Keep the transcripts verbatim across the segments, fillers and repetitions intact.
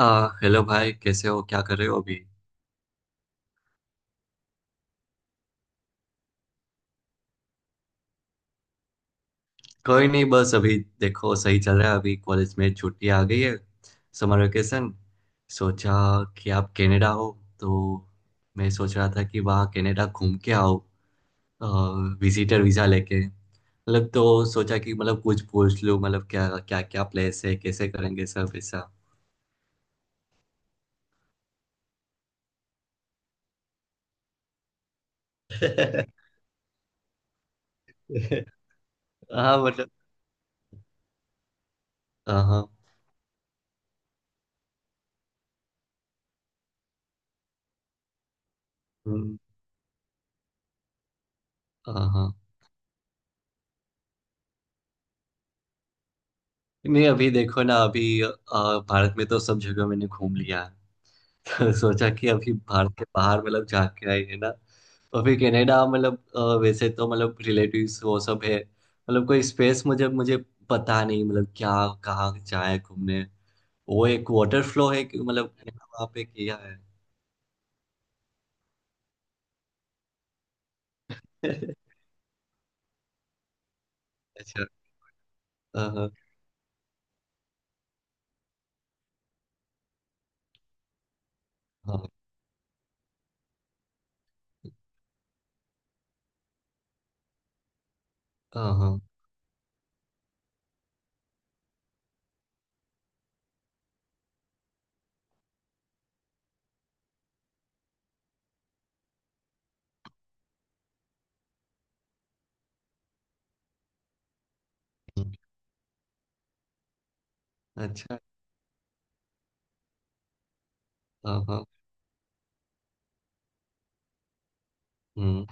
आ, hello भाई, कैसे हो? क्या कर रहे हो अभी? कोई नहीं। बस अभी देखो सही चल रहा है। अभी कॉलेज में छुट्टी आ गई है, समर वेकेशन। सोचा कि आप कनाडा हो, तो मैं सोच रहा था कि वहाँ कनाडा घूम के आओ, विजिटर वीजा लेके। मतलब तो सोचा कि मतलब कुछ पूछ लूँ, मतलब क्या क्या क्या प्लेस है, कैसे करेंगे सब ऐसा। हाँ, मतलब हाँ हाँ। हम्म। हाँ हाँ। नहीं, अभी देखो ना, अभी अ, भारत में तो सब जगह मैंने घूम लिया। सोचा कि अभी भारत के बाहर मतलब जाके के आए है ना। और फिर कनाडा मतलब अ, वैसे तो मतलब रिलेटिव्स वो सब है, मतलब कोई स्पेस मुझे मुझे पता नहीं मतलब क्या, कहाँ जाए घूमने। वो एक वाटर फ्लो है कि मतलब वहाँ पे किया है। अच्छा। हाँ हाँ हाँ। अच्छा। हाँ। हम्म।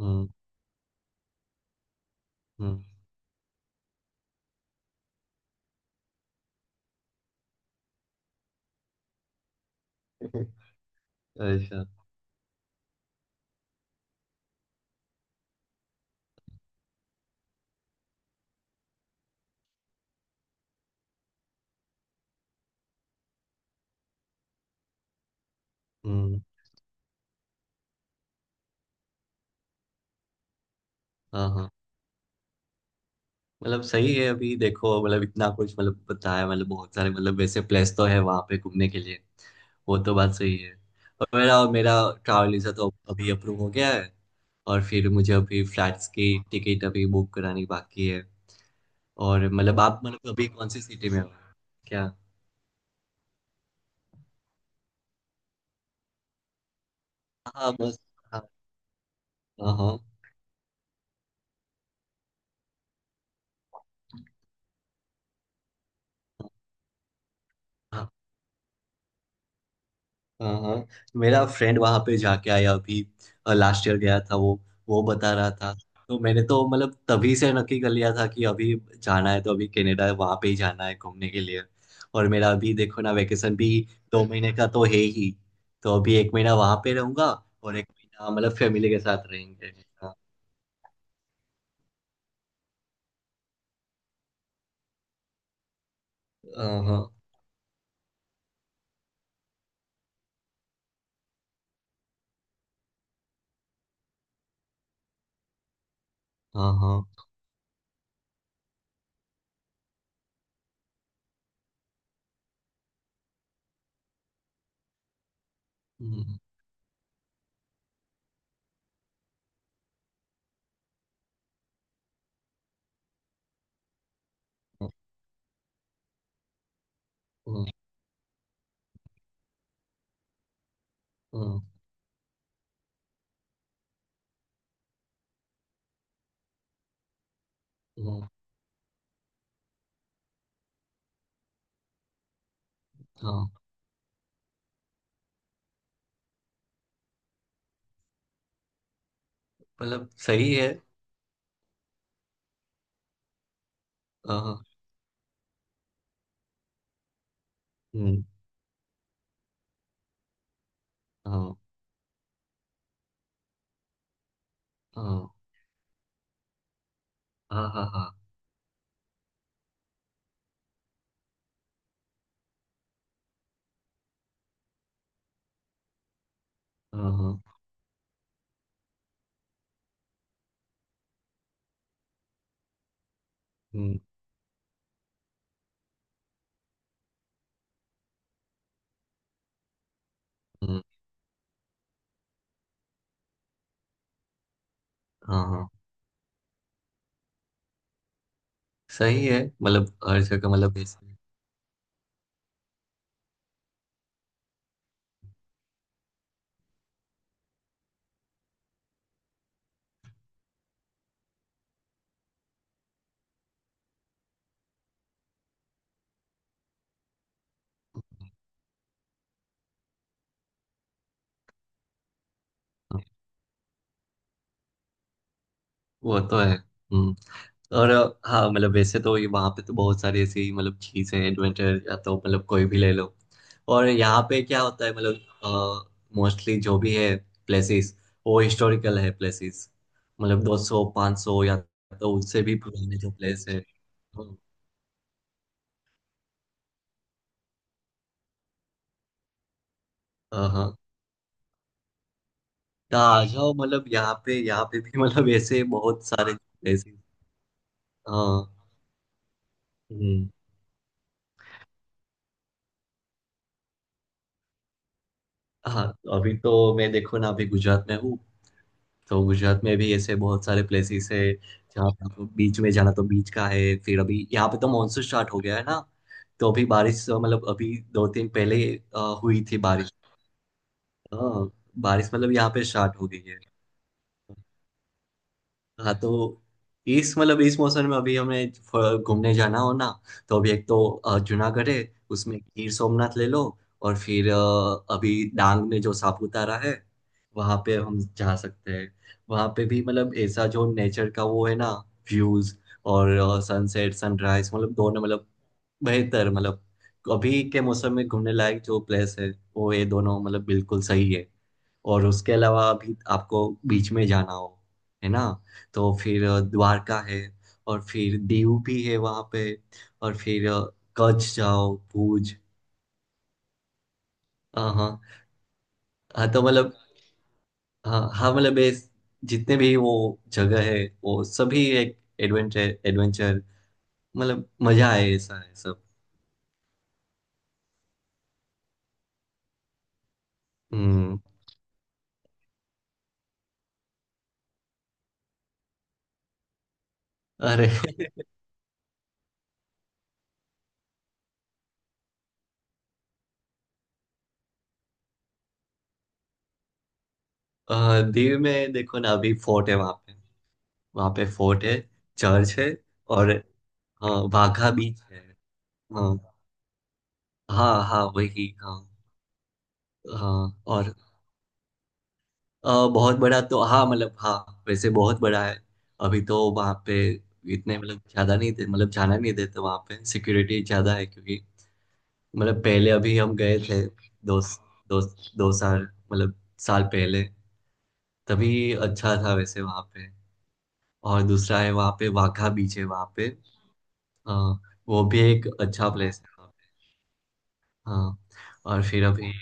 हम्म। हम्म। अच्छा। हम्म। हाँ हाँ। मतलब सही है, अभी देखो मतलब इतना कुछ मतलब बताया, मतलब बहुत सारे मतलब वैसे प्लेस तो है वहाँ पे घूमने के लिए। वो तो बात सही है। और मेरा मेरा ट्रैवल वीज़ा तो अभी अप्रूव हो गया है, और फिर मुझे अभी फ्लैट्स की टिकट अभी बुक करानी बाकी है। और मतलब आप मतलब अभी कौन सी सिटी में हो? क्या? हाँ, बस। हाँ हाँ हाँ। हाँ हाँ। मेरा फ्रेंड वहां पे जाके आया अभी। लास्ट ईयर गया था वो। वो बता रहा था। तो मैंने तो मतलब तभी से नक्की कर लिया था कि अभी जाना है तो अभी कनाडा वहां पे ही जाना है घूमने के लिए। और मेरा अभी देखो ना, वेकेशन भी दो महीने का तो है ही। तो अभी एक महीना वहां पे रहूंगा, और एक महीना मतलब फैमिली के साथ रहेंगे। हाँ। हाँ हाँ हाँ। हम्म। हम्म। हम्म। हम्म। हाँ हाँ। हाँ। मतलब सही है। हाँ हाँ। हम्म। हाँ हाँ हाँ। हाँ हाँ हाँ हाँ। हम्म। हम्म। हाँ हाँ। सही है, मतलब हर जगह मतलब ऐसे। हाँ, वो तो है। हम्म और अ, हाँ मतलब वैसे तो ये वहाँ पे तो बहुत सारी ऐसी मतलब चीज़ें हैं, एडवेंचर या तो मतलब कोई भी ले लो। और यहाँ पे क्या होता है मतलब मोस्टली जो भी है प्लेसेस वो हिस्टोरिकल है प्लेसेस। मतलब दो सौ पाँच सौ या तो उससे भी पुराने जो प्लेस है। हाँ हाँ। तो आ जाओ, मतलब यहाँ पे यहाँ पे भी मतलब ऐसे बहुत सारे प्लेसेस। हाँ। हम्म। हाँ। अभी तो मैं देखो ना, अभी गुजरात में हूँ। तो गुजरात में भी ऐसे बहुत सारे प्लेसेस है जहाँ पे आपको बीच में जाना तो बीच का है। फिर अभी यहाँ पे तो मानसून स्टार्ट हो गया है ना। तो अभी बारिश अ, मतलब अभी दो दिन पहले अ, हुई थी बारिश। हाँ, बारिश मतलब यहाँ पे स्टार्ट हो गई है। हाँ, तो इस मतलब इस मौसम में अभी हमें फ- घूमने जाना हो ना, तो अभी एक तो अ, जूनागढ़ है, उसमें गिर सोमनाथ ले लो। और फिर अ, अभी डांग में जो सापुतारा है वहाँ पे हम जा सकते हैं। वहाँ पे भी मतलब ऐसा जो नेचर का वो है ना, व्यूज और सनसेट सनराइज मतलब दोनों मतलब बेहतर, मतलब अभी के मौसम में घूमने लायक जो प्लेस है वो ये दोनों मतलब बिल्कुल सही है। और उसके अलावा भी आपको बीच में जाना हो, है ना? तो फिर अ, द्वारका है, और फिर दीव भी है वहाँ पे, और फिर अ, कच्छ जाओ भुज। हाँ हाँ। हाँ, तो मतलब हाँ हाँ मतलब ये जितने भी वो जगह है वो सभी एक एडवेंचर एडवेंचर मतलब मजा आए ऐसा है सब। हम्म। अरे। अ, दीव में देखो ना, अभी फोर्ट है वहाँ पे। वहाँ पे फोर्ट है, चर्च है, और हाँ वाघा बीच है। हाँ हाँ हाँ वही। हाँ। हाँ। और अ, बहुत बड़ा तो हाँ मतलब हाँ वैसे बहुत बड़ा है। अभी तो वहाँ पे इतने मतलब ज्यादा नहीं थे मतलब जाना नहीं देते वहाँ पे, सिक्योरिटी ज्यादा है क्योंकि मतलब पहले अभी हम गए थे दो दो दो साल मतलब साल पहले। तभी अच्छा था वैसे वहाँ पे। और दूसरा है वहाँ पे, वाघा बीच है वहाँ पे। अ, वो भी एक अच्छा प्लेस है वहाँ पे। हाँ। और फिर अभी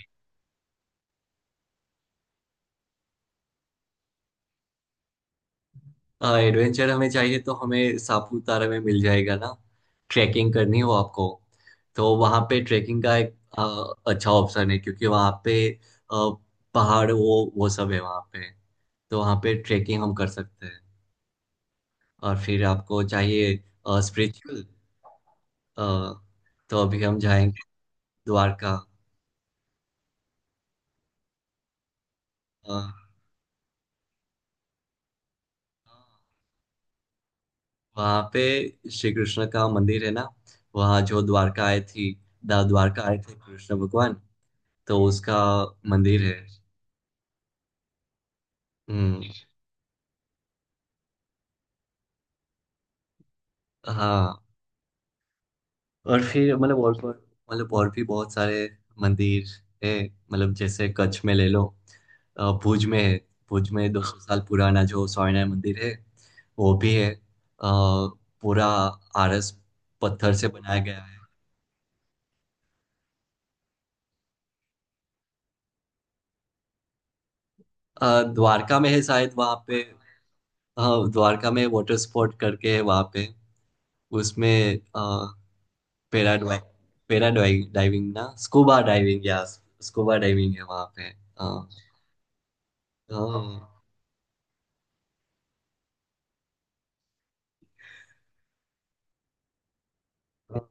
एडवेंचर हमें चाहिए तो हमें सापुतारा में मिल जाएगा ना। ट्रैकिंग करनी हो आपको तो वहाँ पे ट्रैकिंग का एक अ, अच्छा ऑप्शन है क्योंकि वहाँ पे अ, पहाड़ वो वो सब है वहाँ पे। तो वहाँ पे ट्रैकिंग हम कर सकते हैं। और फिर आपको चाहिए स्पिरिचुअल, तो अभी हम जाएंगे द्वारका। अ, वहाँ पे श्री कृष्ण का मंदिर है ना। वहाँ जो द्वारका आए थी दा- द्वारका आए थे कृष्ण भगवान, तो उसका मंदिर है। हम्म। हाँ। और फिर मतलब और और- मतलब और भी बहुत सारे मंदिर है। मतलब जैसे कच्छ में ले लो, अ, भुज में है। भुज में दो सौ साल पुराना जो सौरनारायण मंदिर है वो भी है। अ, पूरा आरस पत्थर से बनाया गया है। अ, द्वारका में है शायद वहाँ पे। हाँ, द्वारका में वाटर स्पोर्ट करके है वहाँ पे, उसमें पैराडाइविंग। पैराडाइविंग ना स्कूबा डाइविंग या स्कूबा डाइविंग है वहाँ पे। हाँ। हाँ हाँ।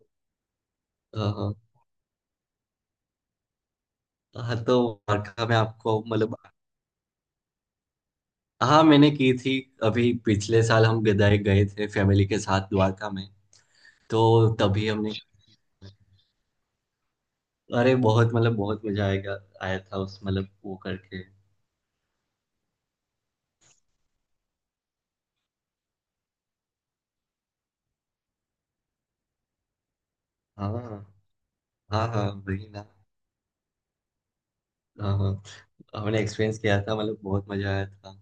हाँ हाँ, तो वार्का में आपको मतलब हाँ मैंने की थी। अभी पिछले साल हम गदाई गए थे फैमिली के साथ द्वारका में। तो तभी हमने अरे बहुत मतलब बहुत मजा आएगा आया था उस मतलब वो करके। हाँ हाँ हाँ वही ना। हाँ हाँ। हमने एक्सपीरियंस किया था मतलब बहुत मजा आया था।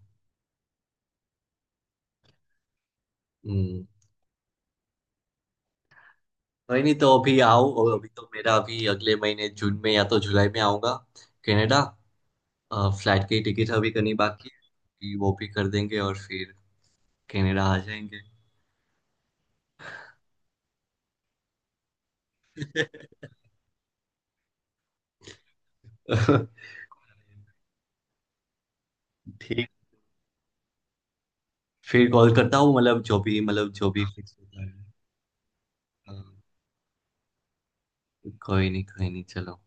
हम्म। कोई नहीं। तो अभी आओ। और अभी तो मेरा अभी अगले महीने जून में या तो जुलाई में आऊंगा कनाडा। आ, फ्लाइट की टिकट अभी करनी बाकी है कि वो भी कर देंगे और फिर कनाडा आ जाएंगे। ठीक। फिर कॉल करता हूँ मतलब जो भी मतलब जो भी फिक्स होता है। हाँ, कोई नहीं कोई नहीं। चलो।